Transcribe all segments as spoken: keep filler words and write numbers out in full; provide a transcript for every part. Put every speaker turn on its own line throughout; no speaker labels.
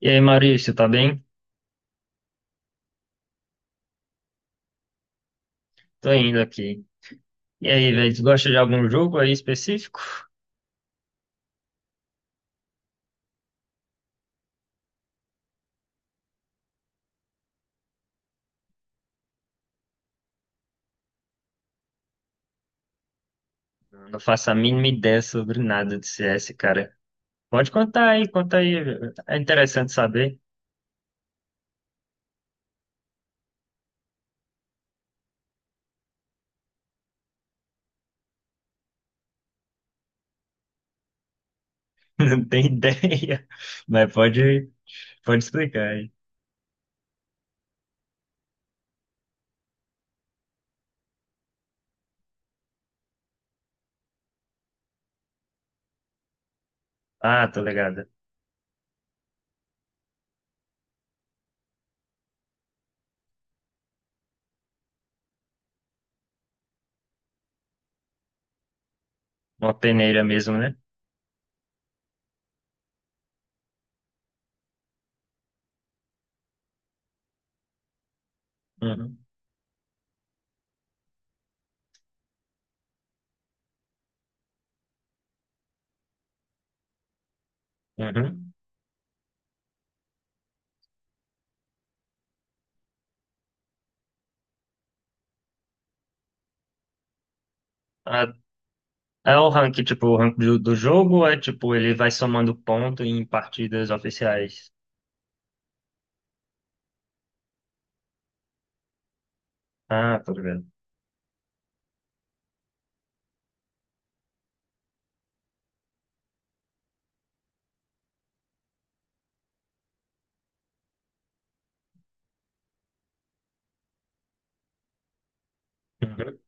E aí, Maurício, tá bem? Tô indo aqui. E aí, velho, tu gosta de algum jogo aí específico? Não faço a mínima ideia sobre nada de C S, cara. Pode contar aí, conta aí. É interessante saber. Não tem ideia. Mas pode, pode explicar aí. Ah, tô ligado. Uma peneira mesmo, né? Uhum. Uhum. Ah, é o rank, tipo, o rank do, do jogo, ou é tipo, ele vai somando ponto em partidas oficiais. Ah, tô ligado. Uhum.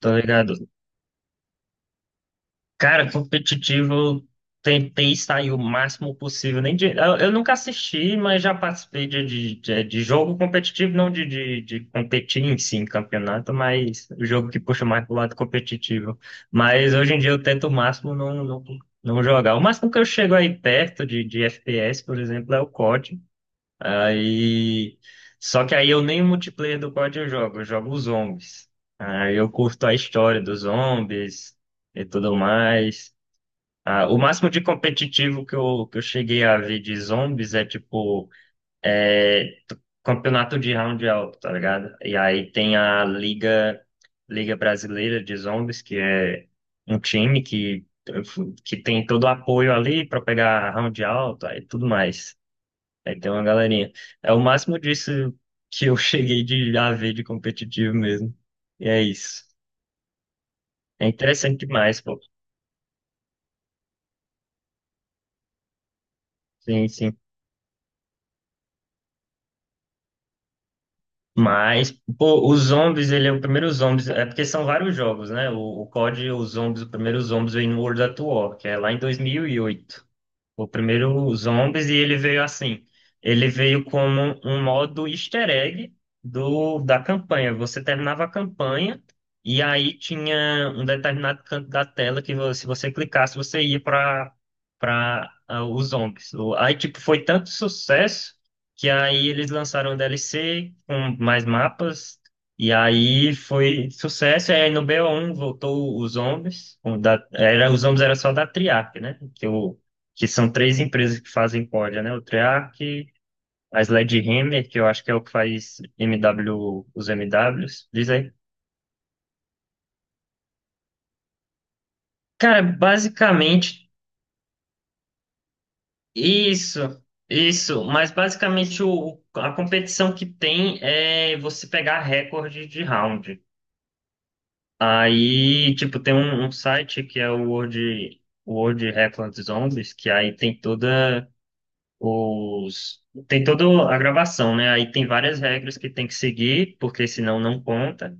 Tô ligado. Cara, competitivo, eu tentei sair o máximo possível. Nem de- eu, eu nunca assisti, mas já participei de, de, de- de jogo competitivo, não de, de, de competir em si, em campeonato, mas o jogo que puxa mais pro lado competitivo. Mas hoje em dia eu tento o máximo não, não, não jogar. O máximo que eu chego aí perto de, de F P S, por exemplo, é o C O D. Aí. Só que aí eu nem o multiplayer do cod eu jogo, eu jogo os zombies. Aí eu curto a história dos zombies e tudo mais. Ah, o máximo de competitivo que eu, que eu cheguei a ver de zombies é tipo é t- campeonato de round alto, tá ligado? E aí tem a Liga, Liga Brasileira de Zombies, que é um time que, que tem todo o apoio ali pra pegar round alto e tudo mais. Aí tem uma galerinha. É o máximo disso que eu cheguei de a ver de competitivo mesmo. E é isso. É interessante demais, pô. Sim, sim. Mas, pô, os zombies, ele é o primeiro zombies. É porque são vários jogos, né? O, o cod, os zombies, o primeiro zombies vem no World at War, que é lá em dois mil e oito. O primeiro Zombies, e ele veio assim. Ele veio como um modo easter egg do, da campanha. Você terminava a campanha e aí tinha um determinado canto da tela que vo- se você clicasse, você ia para para os zombies. O- Aí, tipo, foi tanto sucesso que aí eles lançaram o D L C com mais mapas. E aí foi sucesso, e aí no B O um voltou os zombies. com da- Era, os zombies era só da Triarch, né? Que o que são três empresas que fazem corda, né? O Treyarch, a Sledgehammer, que eu acho que é o que faz M W, os M Ws, diz aí. Cara, basicamente isso, isso, mas basicamente o, a competição que tem é você pegar recorde de round. Aí, tipo, tem um, um site que é o World, World Record Zombies, que aí tem toda os tem toda a gravação, né? Aí tem várias regras que tem que seguir, porque senão não conta.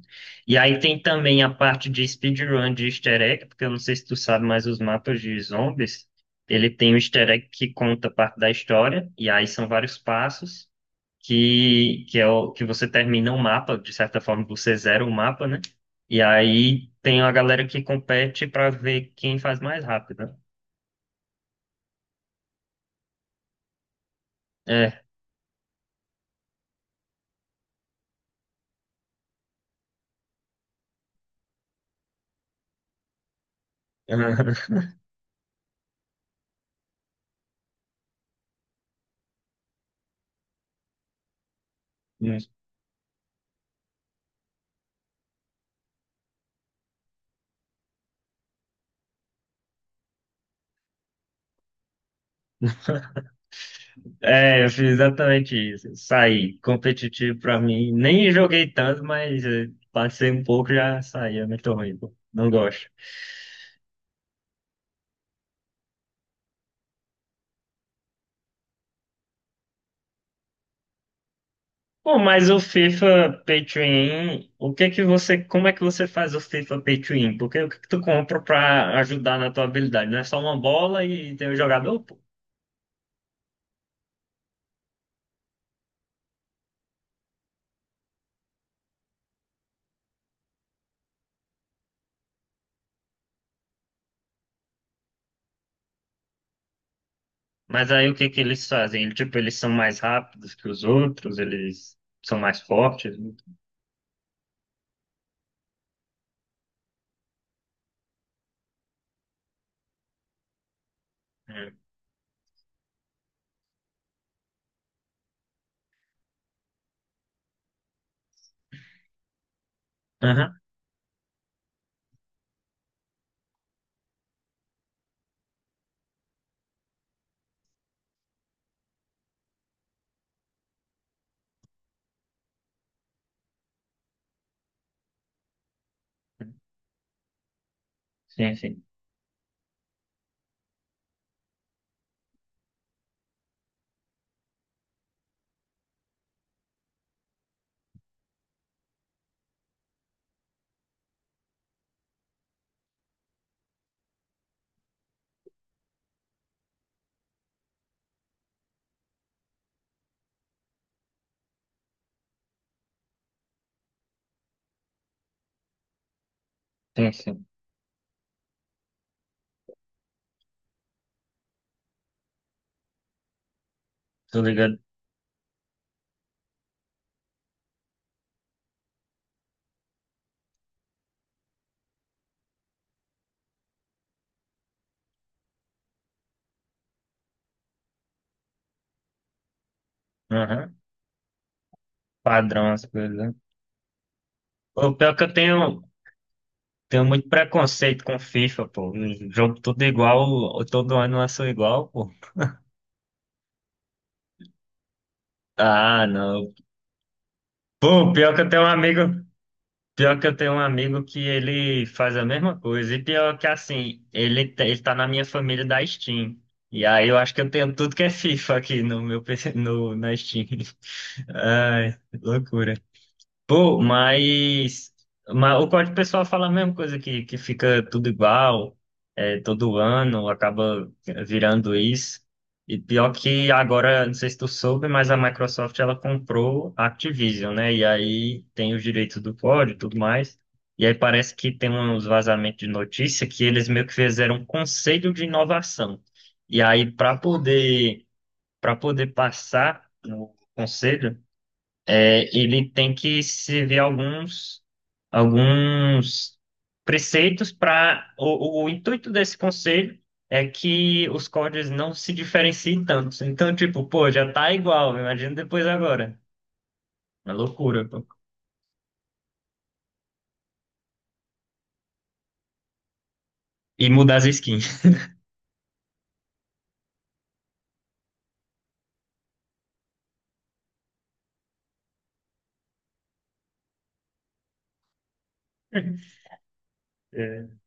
E aí tem também a parte de speedrun de easter egg, porque eu não sei se tu sabe, mas os mapas de zombies, ele tem um easter egg que conta parte da história, e aí são vários passos que que é o que você termina o mapa, de certa forma você zera o mapa, né? E aí tem a galera que compete para ver quem faz mais rápido. Né? É. É, eu fiz exatamente isso. Saí competitivo pra mim. Nem joguei tanto, mas eh, passei um pouco e já saí. É muito ruim, pô. Não gosto. Bom, mas o FIFA Pay to Win, o que que você, como é que você faz o FIFA Pay to Win? Porque o que que tu compra pra ajudar na tua habilidade? Não é só uma bola e tem o jogador, pô. Mas aí o que que eles fazem? Ele, Tipo, eles são mais rápidos que os outros, eles são mais fortes. Né? Hum. Aham. Sim, sim. Sim, sim. Tô ligado. Padrão as coisas. Né? O pior que eu tenho, tenho muito preconceito com FIFA, pô. Um jogo tudo igual, o- todo ano lançou igual, pô. Ah, não. Pô, pior que eu tenho um amigo, pior que eu tenho um amigo que ele faz a mesma coisa. E pior que assim, ele, te- ele tá na minha família da Steam. E aí eu acho que eu tenho tudo que é FIFA aqui no meu P C, no, na Steam. Ai, loucura. Pô, mas, mas o código pessoal fala a mesma coisa, que, que fica tudo igual, é, todo ano acaba virando isso. E pior que agora, não sei se tu soube, mas a Microsoft ela comprou a Activision, né? E aí tem os direitos do código e tudo mais. E aí parece que tem uns vazamentos de notícia que eles meio que fizeram um conselho de inovação. E aí, para poder, para poder passar no conselho, é, ele tem que se ver alguns, alguns preceitos para. O, o intuito desse conselho é que os códigos não se diferenciem tanto. Então, tipo, pô, já tá igual, imagina depois agora. Uma loucura, pô. E mudar as skins. É.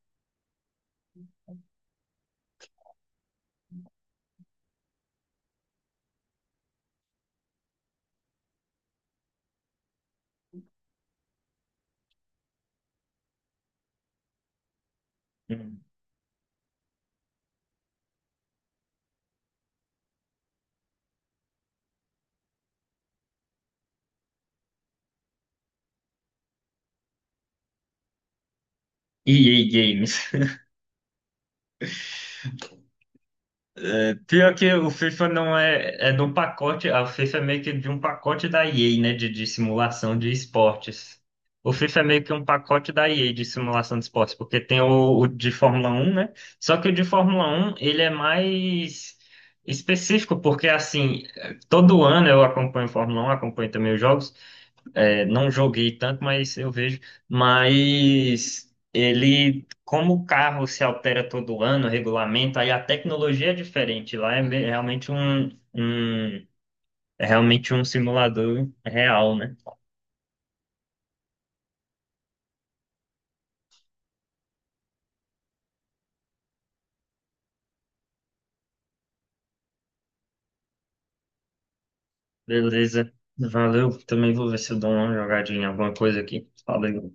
Hum. E A Games. É, pior que o FIFA não é, é de um pacote, a FIFA é meio que de um pacote da E A, né, de, de simulação de esportes. O FIFA é meio que um pacote da E A de simulação de esportes, porque tem o, o de Fórmula um, né? Só que o de Fórmula um, ele é mais específico, porque assim, todo ano eu acompanho Fórmula um, acompanho também os jogos, é, não joguei tanto, mas eu vejo. Mas ele, como o carro se altera todo ano, o regulamento, aí a tecnologia é diferente. Lá é me- realmente um, um, é realmente um simulador real, né? Beleza. Valeu. Também vou ver se eu dou uma jogadinha, alguma coisa aqui. Falei.